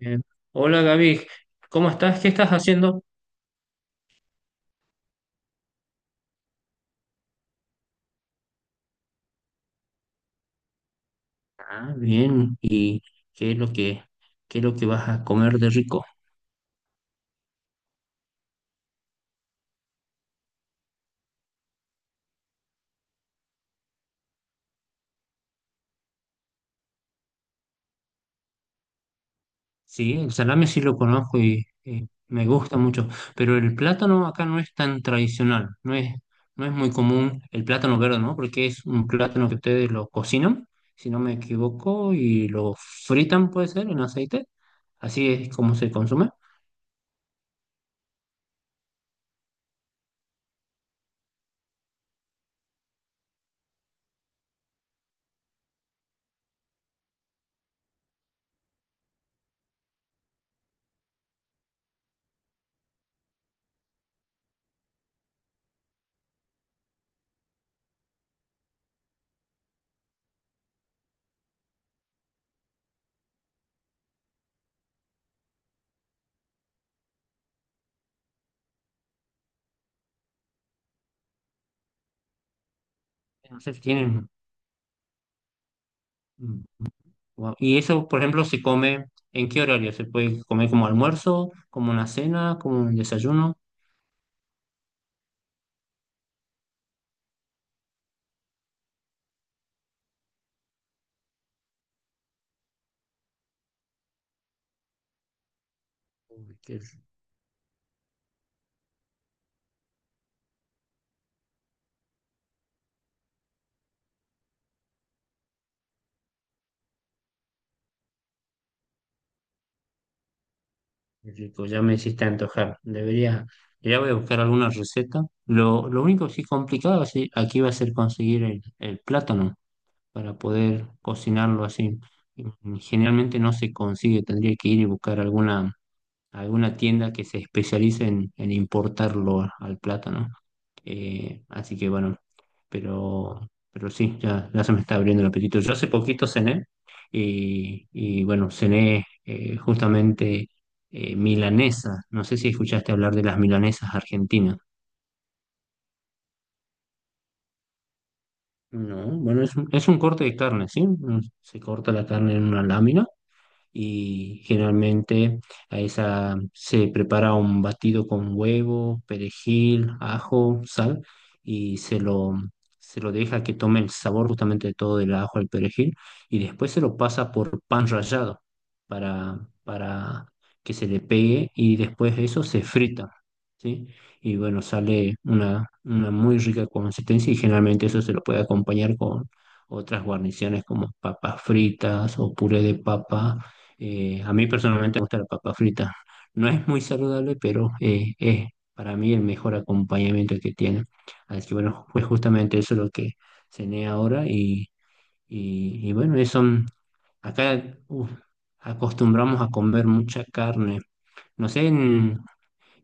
Eh, Hola Gaby, ¿cómo estás? ¿Qué estás haciendo? Ah, bien. ¿Y qué es lo que, qué es lo que vas a comer de rico? Sí, el salame sí lo conozco y me gusta mucho, pero el plátano acá no es tan tradicional, no es muy común el plátano verde, ¿no? Porque es un plátano que ustedes lo cocinan, si no me equivoco, y lo fritan, puede ser, en aceite. Así es como se consume. No sé si tienen. Guau. Y eso, por ejemplo, se come, ¿en qué horario? ¿Se puede comer como almuerzo, como una cena, como un desayuno? Uy. Qué rico, ya me hiciste antojar. Debería, ya voy a buscar alguna receta. Lo único que sí complicado sí, aquí va a ser conseguir el plátano para poder cocinarlo así. Generalmente no se consigue, tendría que ir y buscar alguna alguna tienda que se especialice en importarlo a- al plátano. Así que bueno, pero, pero sí, ya se me está abriendo el apetito. Yo hace poquito cené y bueno, cené justamente milanesa. No sé si escuchaste hablar de las milanesas argentinas. No, bueno, es un corte de carne, ¿sí? Se corta la carne en una lámina y generalmente a esa se prepara un batido con huevo, perejil, ajo, sal y se lo deja que tome el sabor justamente de todo del ajo al perejil y después se lo pasa por pan rallado para, para que se le pegue y después eso se frita, ¿sí? Y bueno, sale una muy rica consistencia y generalmente eso se lo puede acompañar con otras guarniciones como papas fritas o puré de papa, a mí personalmente me gusta la papa frita. No es muy saludable, pero es para mí el mejor acompañamiento que tiene. Así que bueno, pues justamente eso es lo que cené ahora y bueno, eso, acá, uf, acostumbramos a comer mucha carne. No sé,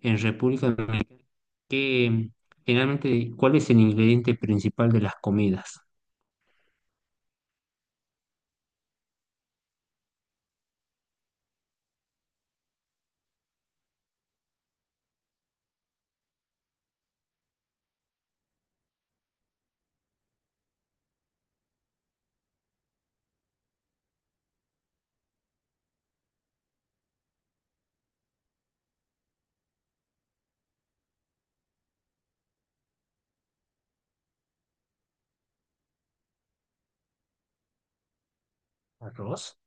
en República Dominicana, ¿qué, generalmente, cuál es el ingrediente principal de las comidas? ¿Arroz?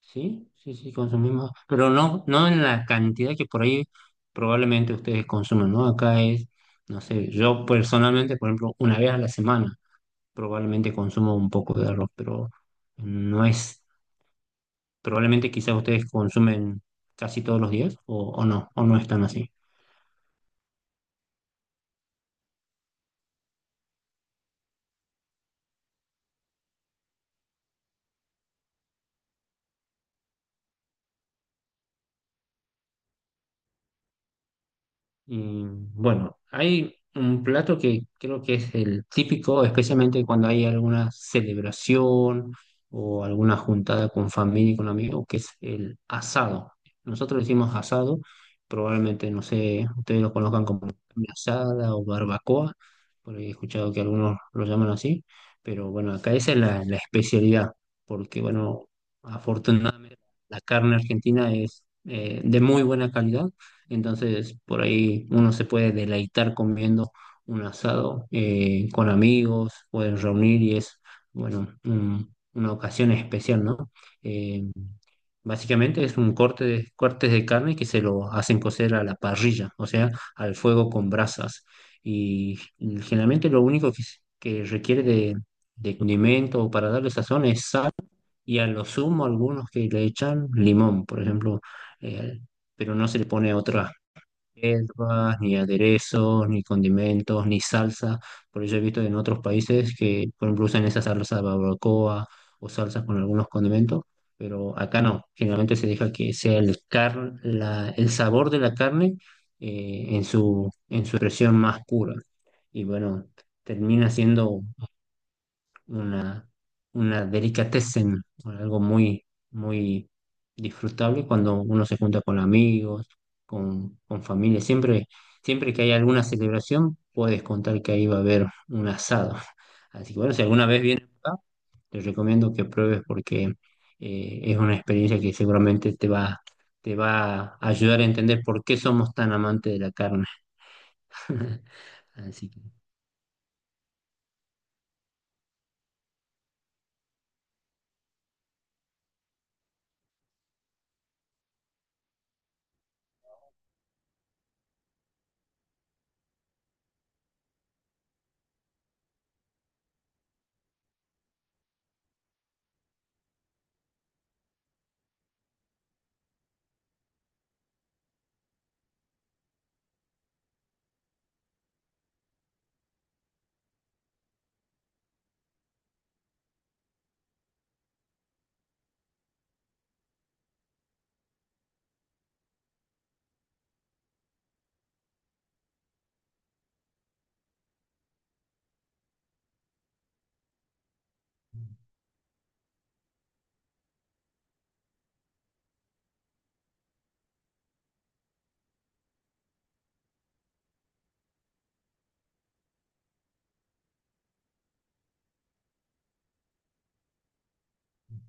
Sí, sí, sí, consumimos, pero no en la cantidad que por ahí probablemente ustedes consumen, ¿no? Acá es, no sé, yo personalmente, por ejemplo, una vez a la semana probablemente consumo un poco de arroz, pero no es, probablemente quizás ustedes consumen casi todos los días o no están así. Y bueno, hay un plato que creo que es el típico, especialmente cuando hay alguna celebración o alguna juntada con familia y con amigos, que es el asado. Nosotros le decimos asado, probablemente, no sé, ustedes lo conozcan como carne asada o barbacoa, porque he escuchado que algunos lo llaman así, pero bueno, acá esa es la especialidad, porque bueno, afortunadamente la carne argentina es de muy buena calidad, entonces, por ahí uno se puede deleitar comiendo un asado con amigos, pueden reunir y es, bueno, una ocasión especial, ¿no? Eh, Básicamente es un corte de, cortes de carne que se lo hacen cocer a la parrilla, o sea, al fuego con brasas. Y generalmente lo único que requiere de condimento o para darle sazón es sal y a lo sumo algunos que le echan limón, por ejemplo, eh, pero no se le pone otras hierbas, ni aderezos, ni condimentos, ni salsa. Por eso he visto en otros países que, por ejemplo, usan esa salsa de barbacoa o salsas con algunos condimentos, pero acá no. Generalmente se deja que sea el sabor de la carne, en su expresión más pura. Y bueno, termina siendo una, una delicatessen, algo muy, muy disfrutable cuando uno se junta con amigos, con familia. Siempre que hay alguna celebración, puedes contar que ahí va a haber un asado. Así que bueno, si alguna vez vienes acá, te recomiendo que pruebes porque es una experiencia que seguramente te va a ayudar a entender por qué somos tan amantes de la carne. Así que.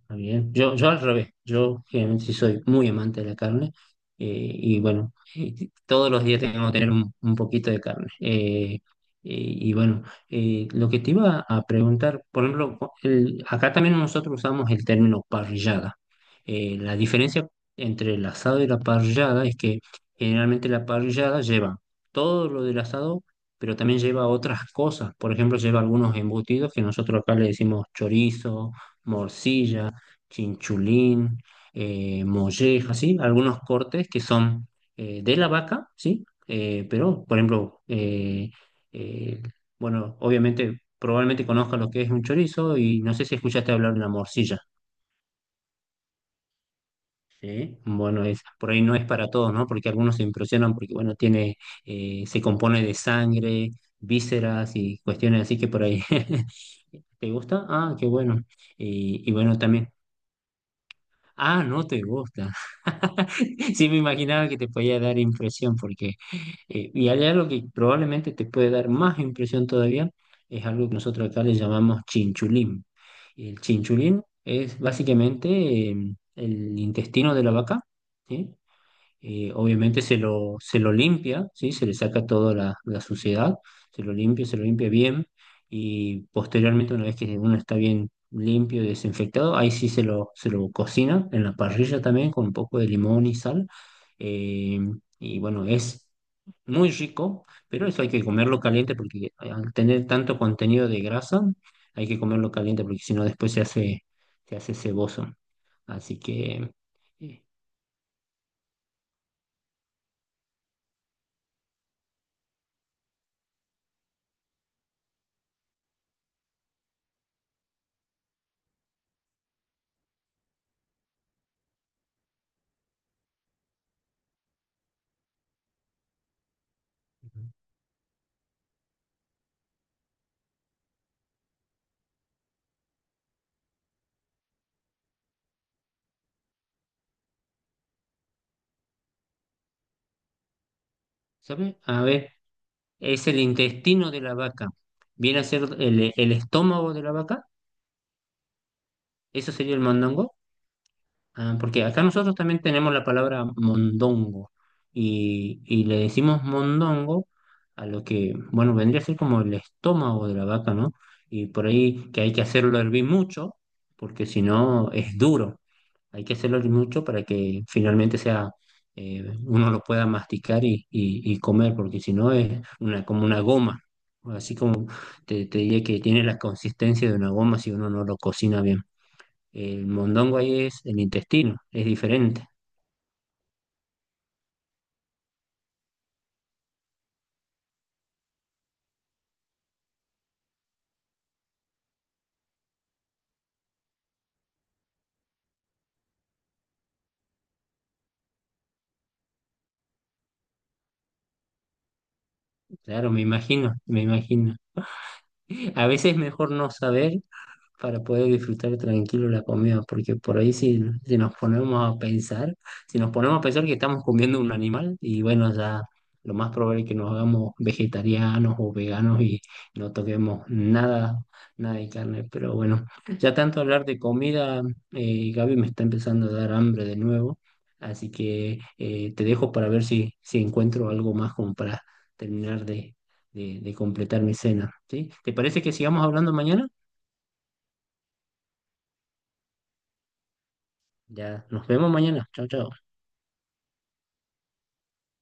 Está bien. Yo al revés, yo generalmente sí soy muy amante de la carne, y bueno, todos los días tengo que tener un poquito de carne. Y bueno, lo que te iba a preguntar, por ejemplo, acá también nosotros usamos el término parrillada. La diferencia entre el asado y la parrillada es que generalmente la parrillada lleva todo lo del asado, pero también lleva otras cosas. Por ejemplo, lleva algunos embutidos que nosotros acá le decimos chorizo, morcilla, chinchulín, molleja, ¿sí? Algunos cortes que son de la vaca, ¿sí? Eh, bueno, obviamente, probablemente conozcas lo que es un chorizo y no sé si escuchaste hablar de la morcilla. ¿Sí? Bueno, es, por ahí no es para todos, ¿no? Porque algunos se impresionan porque, bueno, tiene, se compone de sangre, vísceras y cuestiones así que por ahí. ¿Te gusta? Ah, qué bueno. Y bueno, también. Ah, no te gusta. Sí, me imaginaba que te podía dar impresión, porque, y allá lo que probablemente te puede dar más impresión todavía es algo que nosotros acá le llamamos chinchulín. El chinchulín es básicamente el intestino de la vaca, ¿sí? Obviamente se lo limpia, ¿sí? Se le saca toda la suciedad, se lo limpia bien y posteriormente una vez que uno está bien limpio y desinfectado, ahí sí se lo cocina en la parrilla también con un poco de limón y sal. eh, y bueno, es muy rico, pero eso hay que comerlo caliente porque al tener tanto contenido de grasa, hay que comerlo caliente porque si no se hace ceboso. Así que... eh, ¿Sabe? A ver, es el intestino de la vaca. Viene a ser el estómago de la vaca. Eso sería el mondongo. Ah, porque acá nosotros también tenemos la palabra mondongo. Y le decimos mondongo a lo que, bueno, vendría a ser como el estómago de la vaca, ¿no? Y por ahí que hay que hacerlo hervir mucho, porque si no es duro. Hay que hacerlo mucho para que finalmente sea, uno lo pueda masticar y comer, porque si no es una, como una goma. Así como te diría que tiene la consistencia de una goma si uno no lo cocina bien. El mondongo ahí es el intestino, es diferente. Claro, me imagino, me imagino. A veces es mejor no saber para poder disfrutar tranquilo la comida, porque por ahí si nos ponemos a pensar, si nos ponemos a pensar que estamos comiendo un animal, y bueno, ya lo más probable es que nos hagamos vegetarianos o veganos y no toquemos nada, nada de carne. Pero bueno, ya tanto hablar de comida, Gaby me está empezando a dar hambre de nuevo, así que te dejo para ver si, si encuentro algo más como para terminar de, de completar mi cena, ¿sí? ¿Te parece que sigamos hablando mañana? Ya, nos vemos mañana. Chao, chao.